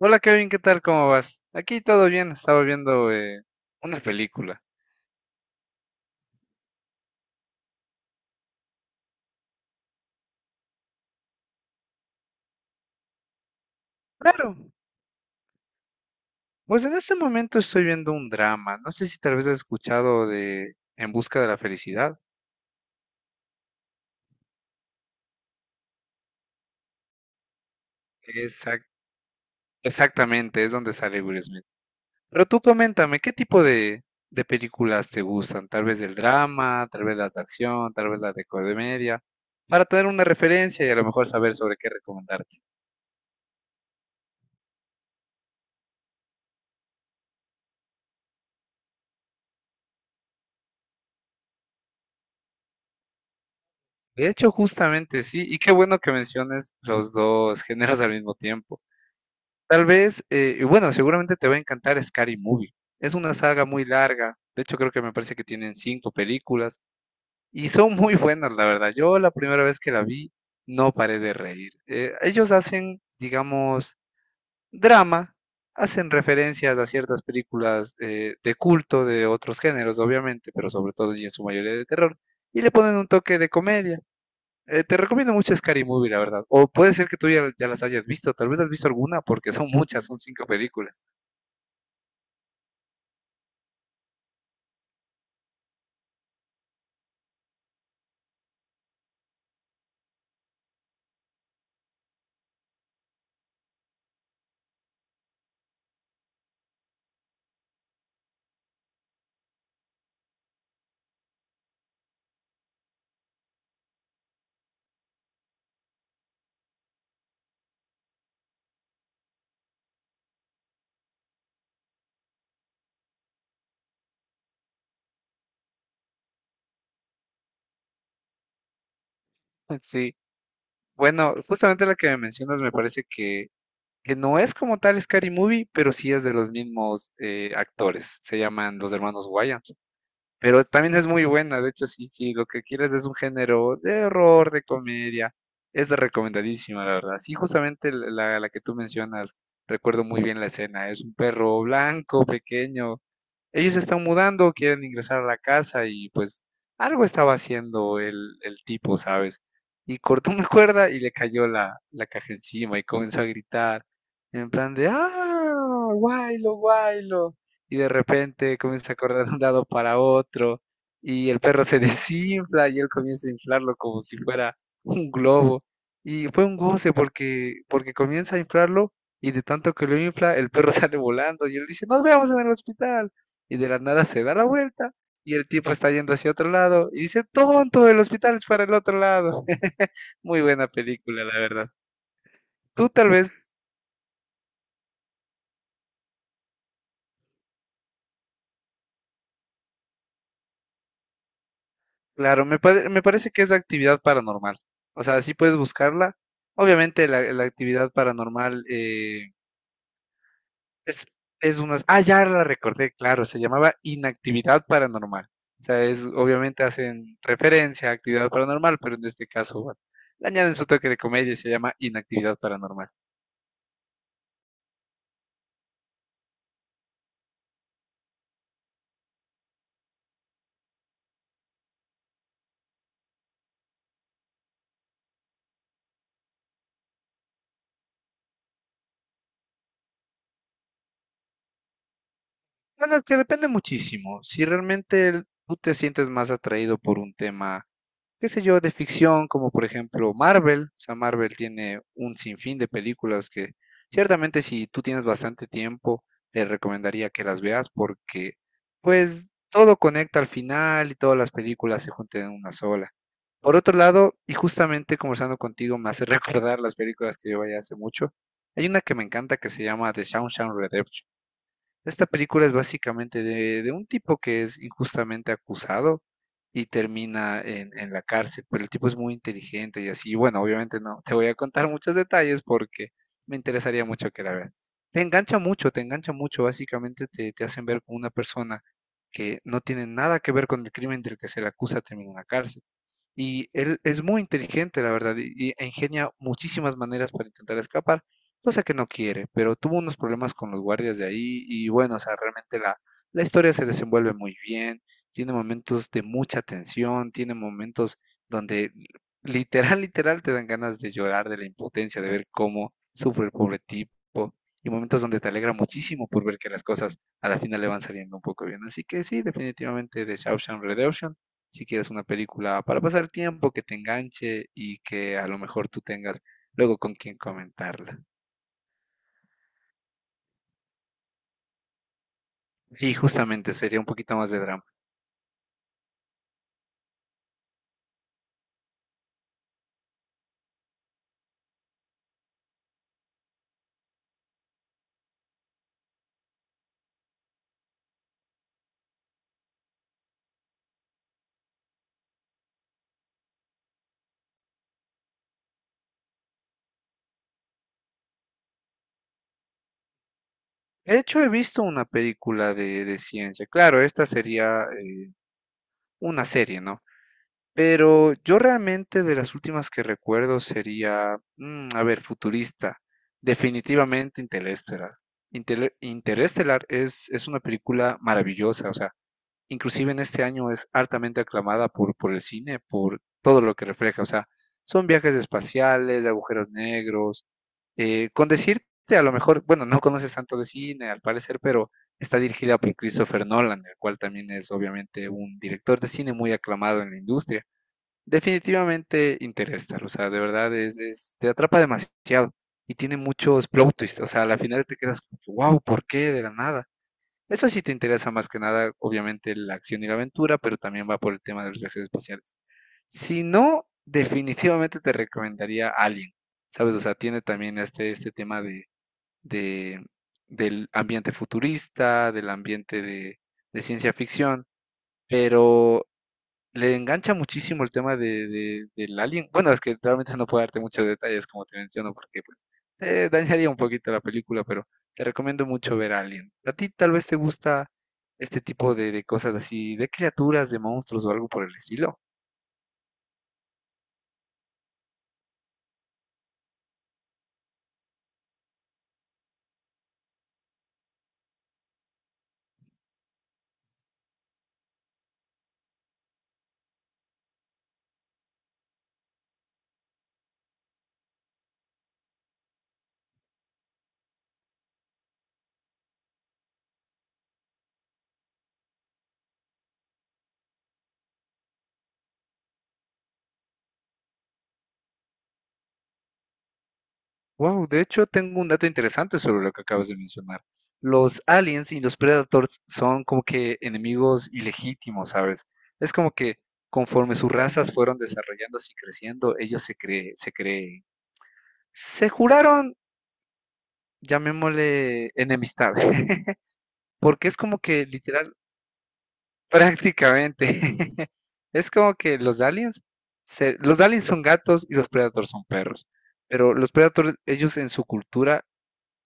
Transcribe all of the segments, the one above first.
Hola Kevin, ¿qué tal? ¿Cómo vas? Aquí todo bien, estaba viendo una película. Claro, pues en este momento estoy viendo un drama. No sé si tal vez has escuchado de En busca de la felicidad. Exact- exactamente, es donde sale Will Smith. Pero tú coméntame, ¿qué tipo de películas te gustan? Tal vez del drama, tal vez las de acción, tal vez las de comedia, para tener una referencia y a lo mejor saber sobre qué recomendarte. De hecho, justamente sí, y qué bueno que menciones los dos géneros al mismo tiempo. Tal vez, y bueno, seguramente te va a encantar Scary Movie. Es una saga muy larga. De hecho, creo que me parece que tienen cinco películas y son muy buenas, la verdad. Yo la primera vez que la vi no paré de reír. Ellos hacen, digamos, drama, hacen referencias a ciertas películas de culto de otros géneros, obviamente, pero sobre todo y en su mayoría de terror, y le ponen un toque de comedia. Te recomiendo mucho Scary Movie, la verdad. O puede ser que tú ya, ya las hayas visto, tal vez has visto alguna, porque son muchas, son cinco películas. Sí. Bueno, justamente la que me mencionas me parece que no es como tal Scary Movie, pero sí es de los mismos actores. Se llaman los hermanos Wayans. Pero también es muy buena, de hecho, sí, sí, lo que quieres es un género de horror, de comedia. Es recomendadísima, la verdad. Sí, justamente la que tú mencionas, recuerdo muy bien la escena. Es un perro blanco, pequeño, ellos se están mudando, quieren ingresar a la casa y pues algo estaba haciendo el tipo, ¿sabes? Y cortó una cuerda y le cayó la caja encima y comenzó a gritar en plan de, ah, guaylo, guaylo. Y de repente comienza a correr de un lado para otro y el perro se desinfla y él comienza a inflarlo como si fuera un globo. Y fue un goce porque comienza a inflarlo y de tanto que lo infla, el perro sale volando y él dice, nos vemos en el hospital y de la nada se da la vuelta y el tipo está yendo hacia otro lado y dice, tonto, el hospital es para el otro lado. Muy buena película, la verdad. Tú tal vez, claro, me, me parece que es actividad paranormal. O sea, sí puedes buscarla. Obviamente la actividad paranormal es, es una... Ah, ya la recordé, claro, se llamaba inactividad paranormal. O sea, es, obviamente hacen referencia a actividad paranormal, pero en este caso, bueno, le añaden su toque de comedia y se llama inactividad paranormal. Bueno, que depende muchísimo. Si realmente tú te sientes más atraído por un tema, qué sé yo, de ficción, como por ejemplo Marvel, o sea, Marvel tiene un sinfín de películas que ciertamente si tú tienes bastante tiempo, te recomendaría que las veas porque pues todo conecta al final y todas las películas se juntan en una sola. Por otro lado, y justamente conversando contigo me hace recordar las películas que yo veía hace mucho, hay una que me encanta que se llama The Shawshank Redemption. Esta película es básicamente de un tipo que es injustamente acusado y termina en la cárcel, pero el tipo es muy inteligente y así. Y bueno, obviamente no te voy a contar muchos detalles porque me interesaría mucho que la veas. Te engancha mucho, básicamente te, te hacen ver como una persona que no tiene nada que ver con el crimen del que se le acusa termina en la cárcel. Y él es muy inteligente, la verdad, y e ingenia muchísimas maneras para intentar escapar, cosa que no quiere, pero tuvo unos problemas con los guardias de ahí y bueno, o sea, realmente la historia se desenvuelve muy bien, tiene momentos de mucha tensión, tiene momentos donde literal, literal te dan ganas de llorar de la impotencia, de ver cómo sufre el pobre tipo y momentos donde te alegra muchísimo por ver que las cosas a la final le van saliendo un poco bien. Así que sí, definitivamente The Shawshank Redemption, si quieres una película para pasar tiempo, que te enganche y que a lo mejor tú tengas luego con quien comentarla. Y justamente sería un poquito más de drama. De hecho, he visto una película de ciencia. Claro, esta sería una serie, ¿no? Pero yo realmente de las últimas que recuerdo sería, a ver, futurista, definitivamente Interestelar. Interestelar es una película maravillosa, o sea, inclusive en este año es altamente aclamada por el cine, por todo lo que refleja, o sea, son viajes espaciales, agujeros negros, con decirte, a lo mejor, bueno, no conoces tanto de cine al parecer, pero está dirigida por Christopher Nolan, el cual también es obviamente un director de cine muy aclamado en la industria. Definitivamente Interstellar, o sea, de verdad te atrapa demasiado y tiene muchos plot twists, o sea, al final te quedas como, wow, ¿por qué de la nada? Eso sí te interesa más que nada, obviamente, la acción y la aventura, pero también va por el tema de los viajes espaciales. Si no, definitivamente te recomendaría Alien, ¿sabes? O sea, tiene también este tema de, de- del ambiente futurista, del ambiente de ciencia ficción, pero le engancha muchísimo el tema de, del alien. Bueno, es que realmente no puedo darte muchos detalles, como te menciono, porque pues dañaría un poquito la película, pero te recomiendo mucho ver Alien. A ti tal vez te gusta este tipo de cosas así, de criaturas, de monstruos o algo por el estilo. Wow, de hecho tengo un dato interesante sobre lo que acabas de mencionar. Los aliens y los predators son como que enemigos ilegítimos, ¿sabes? Es como que conforme sus razas fueron desarrollándose y creciendo, ellos se creen se juraron, llamémosle enemistad, porque es como que literal, prácticamente, es como que los aliens son gatos y los predators son perros, pero los predators, ellos en su cultura,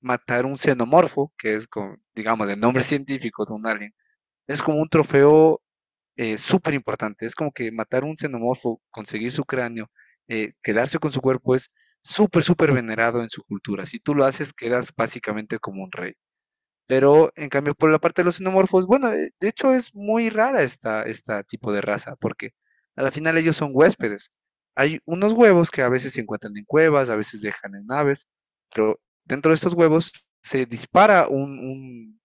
matar un xenomorfo, que es, como, digamos, el nombre científico de un alien, es como un trofeo súper importante, es como que matar un xenomorfo, conseguir su cráneo, quedarse con su cuerpo es súper, súper venerado en su cultura. Si tú lo haces, quedas básicamente como un rey. Pero en cambio, por la parte de los xenomorfos, bueno, de hecho es muy rara esta tipo de raza, porque a la final ellos son huéspedes. Hay unos huevos que a veces se encuentran en cuevas, a veces dejan en naves, pero dentro de estos huevos se dispara un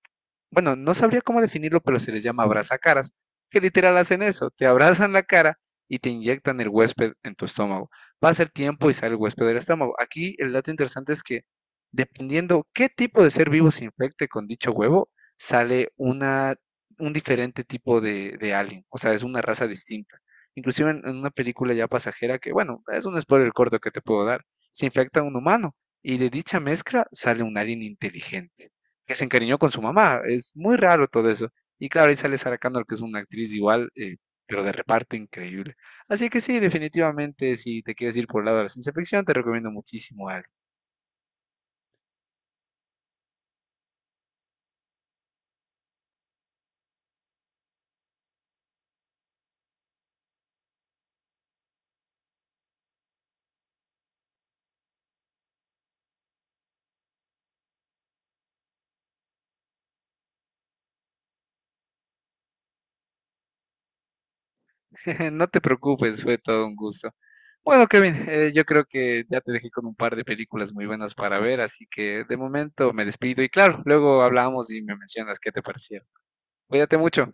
bueno, no sabría cómo definirlo, pero se les llama abrazacaras, que literal hacen eso, te abrazan la cara y te inyectan el huésped en tu estómago. Va a ser tiempo y sale el huésped del estómago. Aquí el dato interesante es que dependiendo qué tipo de ser vivo se infecte con dicho huevo, sale una, un diferente tipo de alien, o sea, es una raza distinta. Inclusive en una película ya pasajera que, bueno, es un spoiler corto que te puedo dar, se infecta un humano y de dicha mezcla sale un alien inteligente que se encariñó con su mamá. Es muy raro todo eso. Y claro, ahí sale Sarah Connor, que es una actriz igual, pero de reparto increíble. Así que sí, definitivamente, si te quieres ir por el lado de la ciencia ficción, te recomiendo muchísimo algo. No te preocupes, fue todo un gusto. Bueno, Kevin, yo creo que ya te dejé con un par de películas muy buenas para ver, así que de momento me despido y claro, luego hablamos y me mencionas qué te parecieron. Cuídate mucho.